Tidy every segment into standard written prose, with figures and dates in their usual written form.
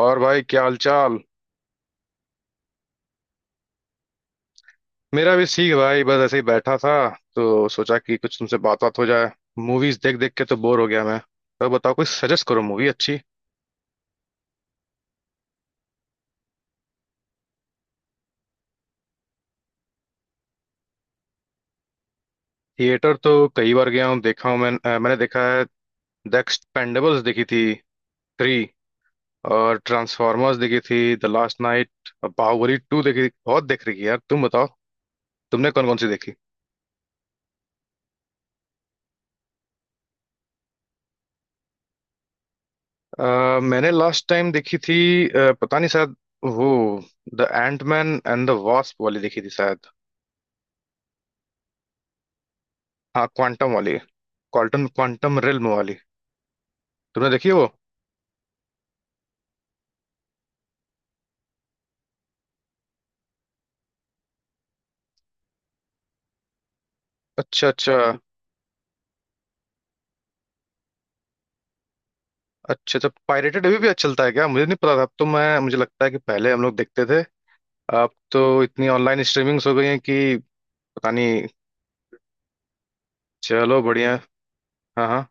और भाई क्या हालचाल। मेरा भी ठीक भाई। बस ऐसे ही बैठा था तो सोचा कि कुछ तुमसे बात बात हो जाए। मूवीज देख देख के तो बोर हो गया मैं। तो बताओ कोई सजेस्ट करो मूवी अच्छी। थिएटर तो कई बार गया हूँ देखा हूँ मैं, मैंने देखा है। द एक्सपेंडेबल्स देखी थी 3। और ट्रांसफॉर्मर्स देखी थी द लास्ट नाइट। और बाहुबली 2 देखी थी बहुत देख रही है यार तुम बताओ। तुमने कौन कौन सी देखी। मैंने लास्ट टाइम देखी थी, पता नहीं शायद वो the Antman and the Wasp वाली देखी थी शायद। हाँ क्वांटम वाली। क्वांटम क्वांटम रिल्म वाली। तुमने देखी है वो। अच्छा अच्छा। अच्छा अच्छा, पायरेटेड अभी भी अच्छा चलता है क्या। मुझे नहीं पता था। अब तो मैं मुझे लगता है कि पहले हम लोग देखते थे। अब तो इतनी ऑनलाइन स्ट्रीमिंग्स हो गई हैं कि पता नहीं। चलो बढ़िया है। हाँ हाँ।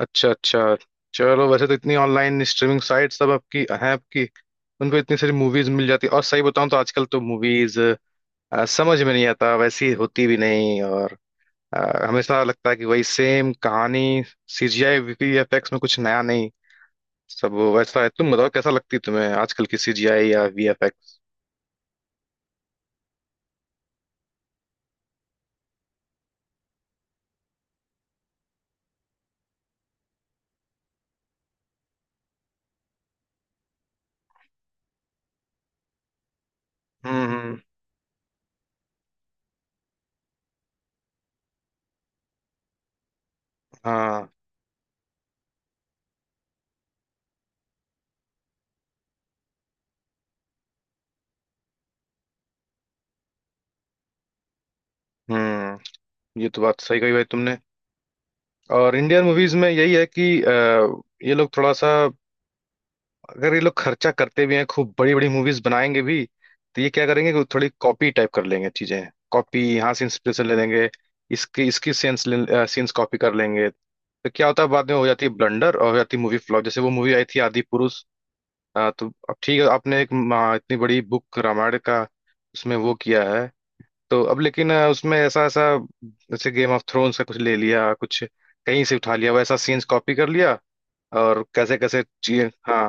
अच्छा अच्छा। चलो वैसे तो इतनी ऑनलाइन स्ट्रीमिंग साइट सब आपकी हैं आपकी। उन पे इतनी सारी मूवीज मिल जाती है। और सही बताऊं तो आजकल तो मूवीज समझ में नहीं आता, वैसी होती भी नहीं। और अ, हमेशा लगता है कि वही सेम कहानी। सीजीआई वीएफएक्स में कुछ नया नहीं, सब वैसा है। तुम बताओ कैसा लगती है तुम्हें आजकल की सीजीआई या वीएफएक्स। हम्म। हाँ हम्म। ये तो बात सही कही भाई तुमने। और इंडियन मूवीज में यही है कि ये लोग थोड़ा सा, अगर ये लोग खर्चा करते भी हैं खूब बड़ी बड़ी मूवीज बनाएंगे भी तो ये क्या करेंगे कि थोड़ी कॉपी टाइप कर लेंगे चीजें। कॉपी यहाँ से इंस्पिरेशन ले लेंगे। इसके इसकी सीन्स सीन्स कॉपी कर लेंगे तो क्या होता है बाद में हो जाती है ब्लंडर और हो जाती है मूवी फ्लॉप। जैसे वो मूवी आई थी आदि पुरुष। तो अब ठीक है आपने एक इतनी बड़ी बुक रामायण का उसमें वो किया है। तो अब लेकिन उसमें ऐसा ऐसा जैसे गेम ऑफ थ्रोन्स का कुछ ले लिया, कुछ कहीं से उठा लिया, वैसा सीन्स कॉपी कर लिया। और कैसे कैसे चीजें हाँ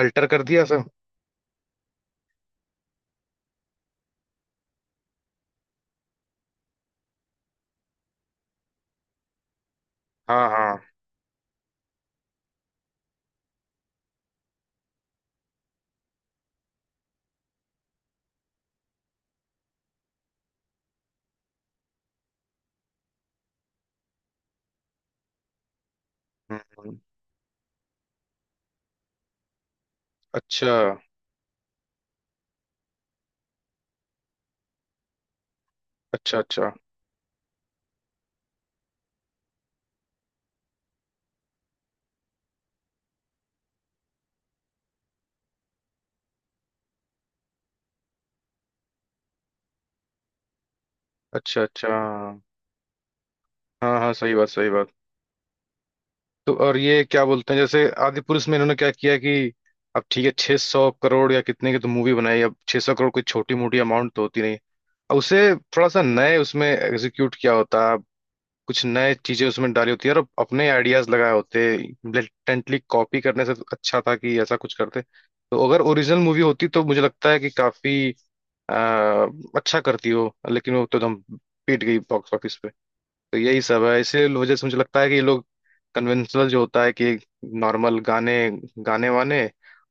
अल्टर कर दिया सब। हाँ हाँ। हम्म। अच्छा अच्छा। अच्छा अच्छा। अच्छा। हाँ हाँ सही बात सही बात। तो और ये क्या बोलते हैं जैसे आदि पुरुष में इन्होंने क्या किया कि अब ठीक है 600 करोड़ या कितने की तो मूवी बनाई। अब 600 करोड़ कोई छोटी मोटी अमाउंट तो होती नहीं। अब उसे थोड़ा सा नए उसमें एग्जीक्यूट किया होता। कुछ नए चीजें उसमें डाली होती है और अपने आइडियाज लगाए होते। ब्लेटेंटली कॉपी करने से तो अच्छा था कि ऐसा कुछ करते। तो अगर ओरिजिनल मूवी होती तो मुझे लगता है कि काफी आ, अच्छा करती हो। लेकिन वो तो एकदम पीट गई बॉक्स ऑफिस पे। तो यही सब है, इसीलिए वजह से मुझे लगता है कि ये लोग कन्वेंशनल जो होता है कि नॉर्मल गाने, गाने वाने,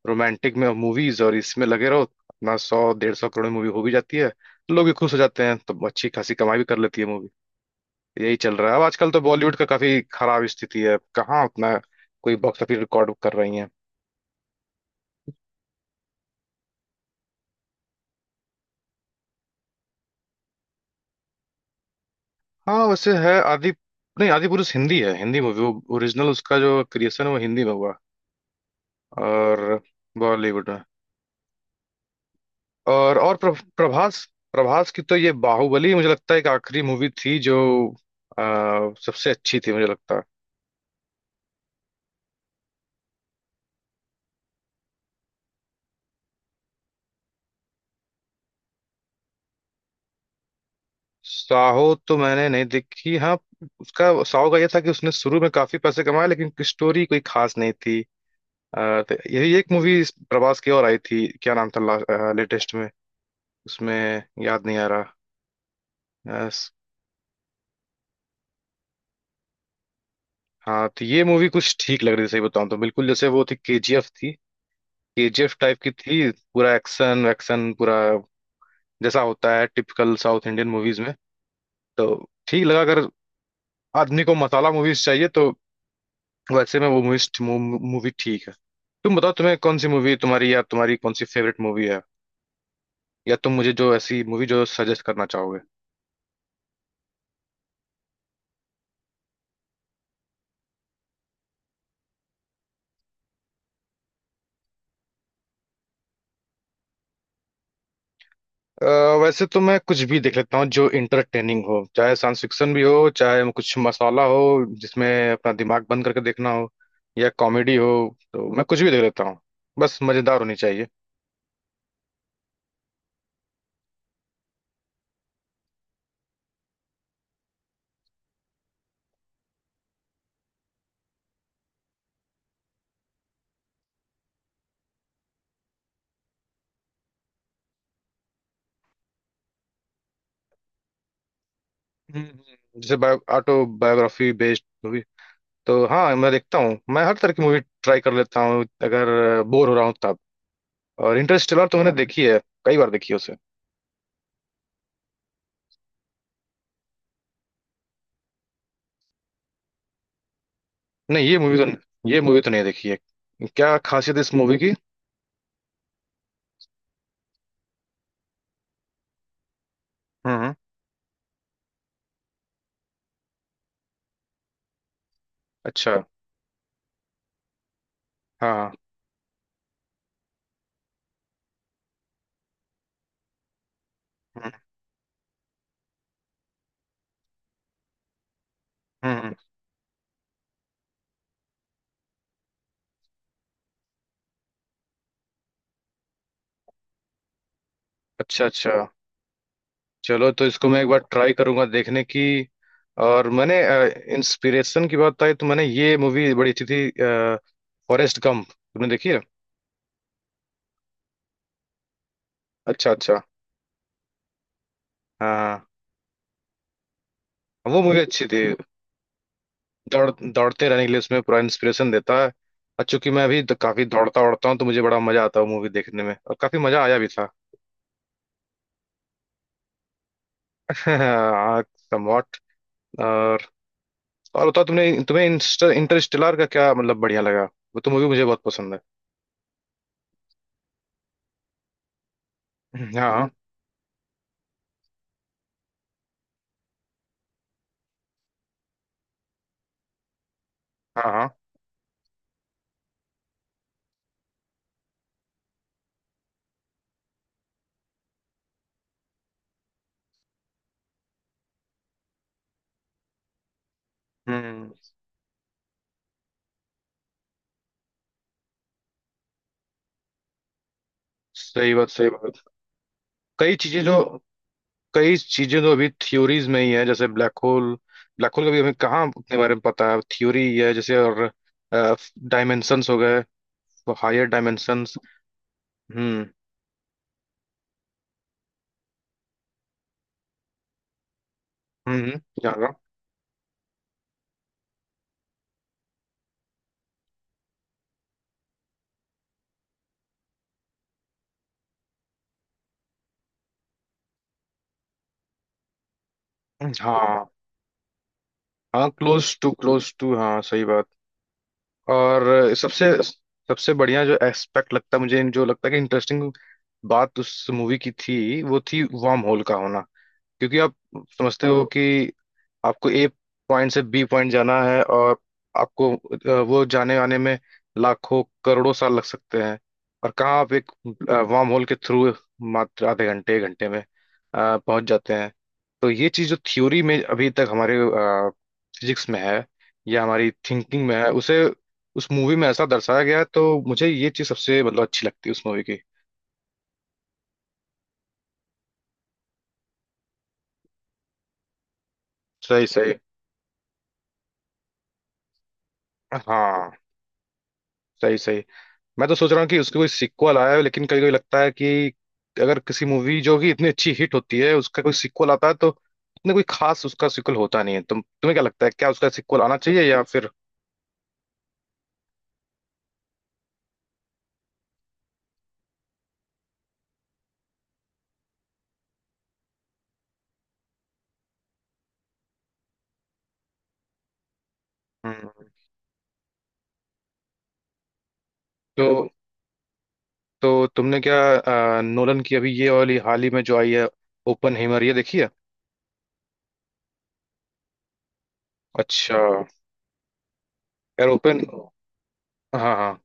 रोमांटिक में मूवीज और इसमें लगे रहो अपना 100 150 करोड़ मूवी हो भी जाती है तो लोग भी खुश हो जाते हैं तो अच्छी खासी कमाई भी कर लेती है मूवी। यही चल रहा है। अब आजकल तो बॉलीवुड का काफी खराब स्थिति है। कहाँ उतना कोई बॉक्स ऑफिस रिकॉर्ड कर रही है। हाँ वैसे है आदि, नहीं आदि पुरुष हिंदी है, हिंदी मूवी वो। ओरिजिनल उसका जो क्रिएशन है वो हिंदी में हुआ है। और बॉलीवुड में। और प्रभास। प्रभास की तो ये बाहुबली मुझे लगता है एक आखिरी मूवी थी जो सबसे अच्छी थी मुझे लगता है। साहो तो मैंने नहीं देखी हाँ। उसका साहो का ये था कि उसने शुरू में काफी पैसे कमाए लेकिन स्टोरी कोई खास नहीं थी। तो यही एक मूवी प्रभास की और आई थी, क्या नाम था लेटेस्ट में, उसमें याद नहीं आ रहा। अ, स- हाँ तो ये मूवी कुछ ठीक लग रही थी, सही बताऊं तो, बिल्कुल जैसे वो थी केजीएफ थी। केजीएफ टाइप की थी, पूरा एक्शन वैक्शन पूरा जैसा होता है टिपिकल साउथ इंडियन मूवीज में तो ठीक लगा। अगर आदमी को मसाला मूवीज चाहिए तो वैसे में वो मूवी ठीक है। तुम बताओ तुम्हें कौन सी मूवी तुम्हारी, या तुम्हारी कौन सी फेवरेट मूवी है, या तुम मुझे जो ऐसी मूवी जो सजेस्ट करना चाहोगे। अ, वैसे तो मैं कुछ भी देख लेता हूँ जो इंटरटेनिंग हो, चाहे साइंस फिक्शन भी हो, चाहे कुछ मसाला हो जिसमें अपना दिमाग बंद करके देखना हो, या कॉमेडी हो तो मैं कुछ भी देख लेता हूँ। बस मजेदार होनी चाहिए। जैसे बायो ऑटोबायोग्राफी बेस्ड मूवी तो हाँ मैं देखता हूँ। मैं हर तरह की मूवी ट्राई कर लेता हूँ अगर बोर हो रहा हूँ तब। और इंटरस्टेलर तो मैंने देखी है। कई बार देखी है उसे। नहीं, ये मूवी तो नहीं देखी है। क्या खासियत है इस मूवी की। हम्म हम्म। अच्छा। हाँ हाँ। हम्म हम्म। अच्छा अच्छा, चलो तो इसको मैं एक बार ट्राई करूंगा देखने की। और मैंने, इंस्पिरेशन की बात आई तो मैंने, ये मूवी बड़ी अच्छी थी फॉरेस्ट गंप, तुमने देखी है। अच्छा अच्छा। हाँ हाँ। वो मूवी अच्छी थी। दौड़ दौड़ते रहने के लिए उसमें पूरा इंस्पिरेशन देता है। और चूंकि मैं अभी काफी दौड़ता दौड़ता हूँ तो मुझे बड़ा मजा आता है मूवी देखने में और काफी मजा आया भी था। समवॉट। और और बताओ तुमने, तुम्हें इंटरस्टेलर का क्या मतलब बढ़िया लगा। वो तो मूवी मुझे बहुत पसंद है। हाँ हाँ हाँ। हम्म। सही बात सही बात। कई चीजें जो कई चीजें जो अभी थ्योरीज में ही है जैसे ब्लैक होल। ब्लैक होल का भी हमें कहाँ उतने बारे में पता है, थ्योरी ही है जैसे। और डायमेंशंस हो गए, हायर डायमेंशंस। हम्म हम्म। जागा। हाँ हाँ क्लोज टू हाँ सही बात। और सबसे सबसे बढ़िया जो एस्पेक्ट लगता है मुझे, जो लगता है कि इंटरेस्टिंग बात उस मूवी की थी वो थी वार्म होल का होना। क्योंकि आप समझते हो कि आपको ए पॉइंट से बी पॉइंट जाना है और आपको, वो जाने आने में लाखों करोड़ों साल लग सकते हैं। और कहाँ आप एक वार्म होल के थ्रू मात्र आधे घंटे 1 घंटे में पहुंच जाते हैं। तो ये चीज़ जो थ्योरी में अभी तक हमारे फिजिक्स में है या हमारी थिंकिंग में है उसे उस मूवी में ऐसा दर्शाया गया है। तो मुझे ये चीज़ सबसे मतलब अच्छी लगती है उस मूवी की। सही सही। हाँ सही सही। मैं तो सोच रहा हूँ कि उसकी कोई सीक्वल आया है, लेकिन कभी कभी लगता है कि अगर किसी मूवी जो कि इतनी अच्छी हिट होती है उसका कोई सीक्वल आता है तो इतने कोई खास उसका सीक्वल होता नहीं है। तुम्हें क्या लगता है क्या उसका सीक्वल आना चाहिए या फिर। हम्म। तो तो तुमने क्या, नोलन की अभी ये वाली हाल ही में जो आई है ओपन हेमर, ये देखी है। अच्छा। यार ओपन, हाँ हाँ।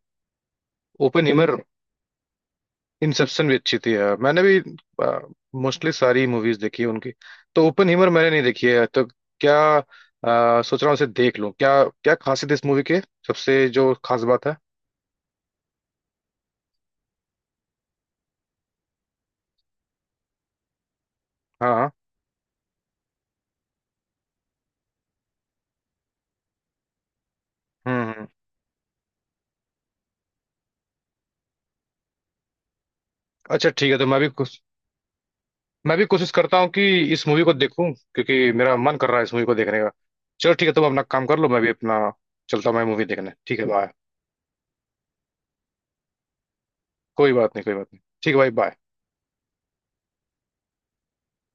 ओपन इंसेप्शन भी अच्छी थी यार, मैंने भी मोस्टली सारी मूवीज देखी है उनकी। तो ओपन हीमर मैंने नहीं देखी है, तो क्या सोच रहा हूँ उसे देख लूँ, क्या क्या खासियत है इस मूवी के, सबसे जो खास बात है। हाँ हाँ। हम्म हम्म। अच्छा ठीक है, तो मैं भी कोशिश करता हूँ कि इस मूवी को देखूं, क्योंकि मेरा मन कर रहा है इस मूवी को देखने का। चलो ठीक है, तुम अपना काम कर लो, मैं भी अपना, चलता हूँ मैं मूवी देखने, ठीक है बाय। कोई बात नहीं ठीक है भाई बाय।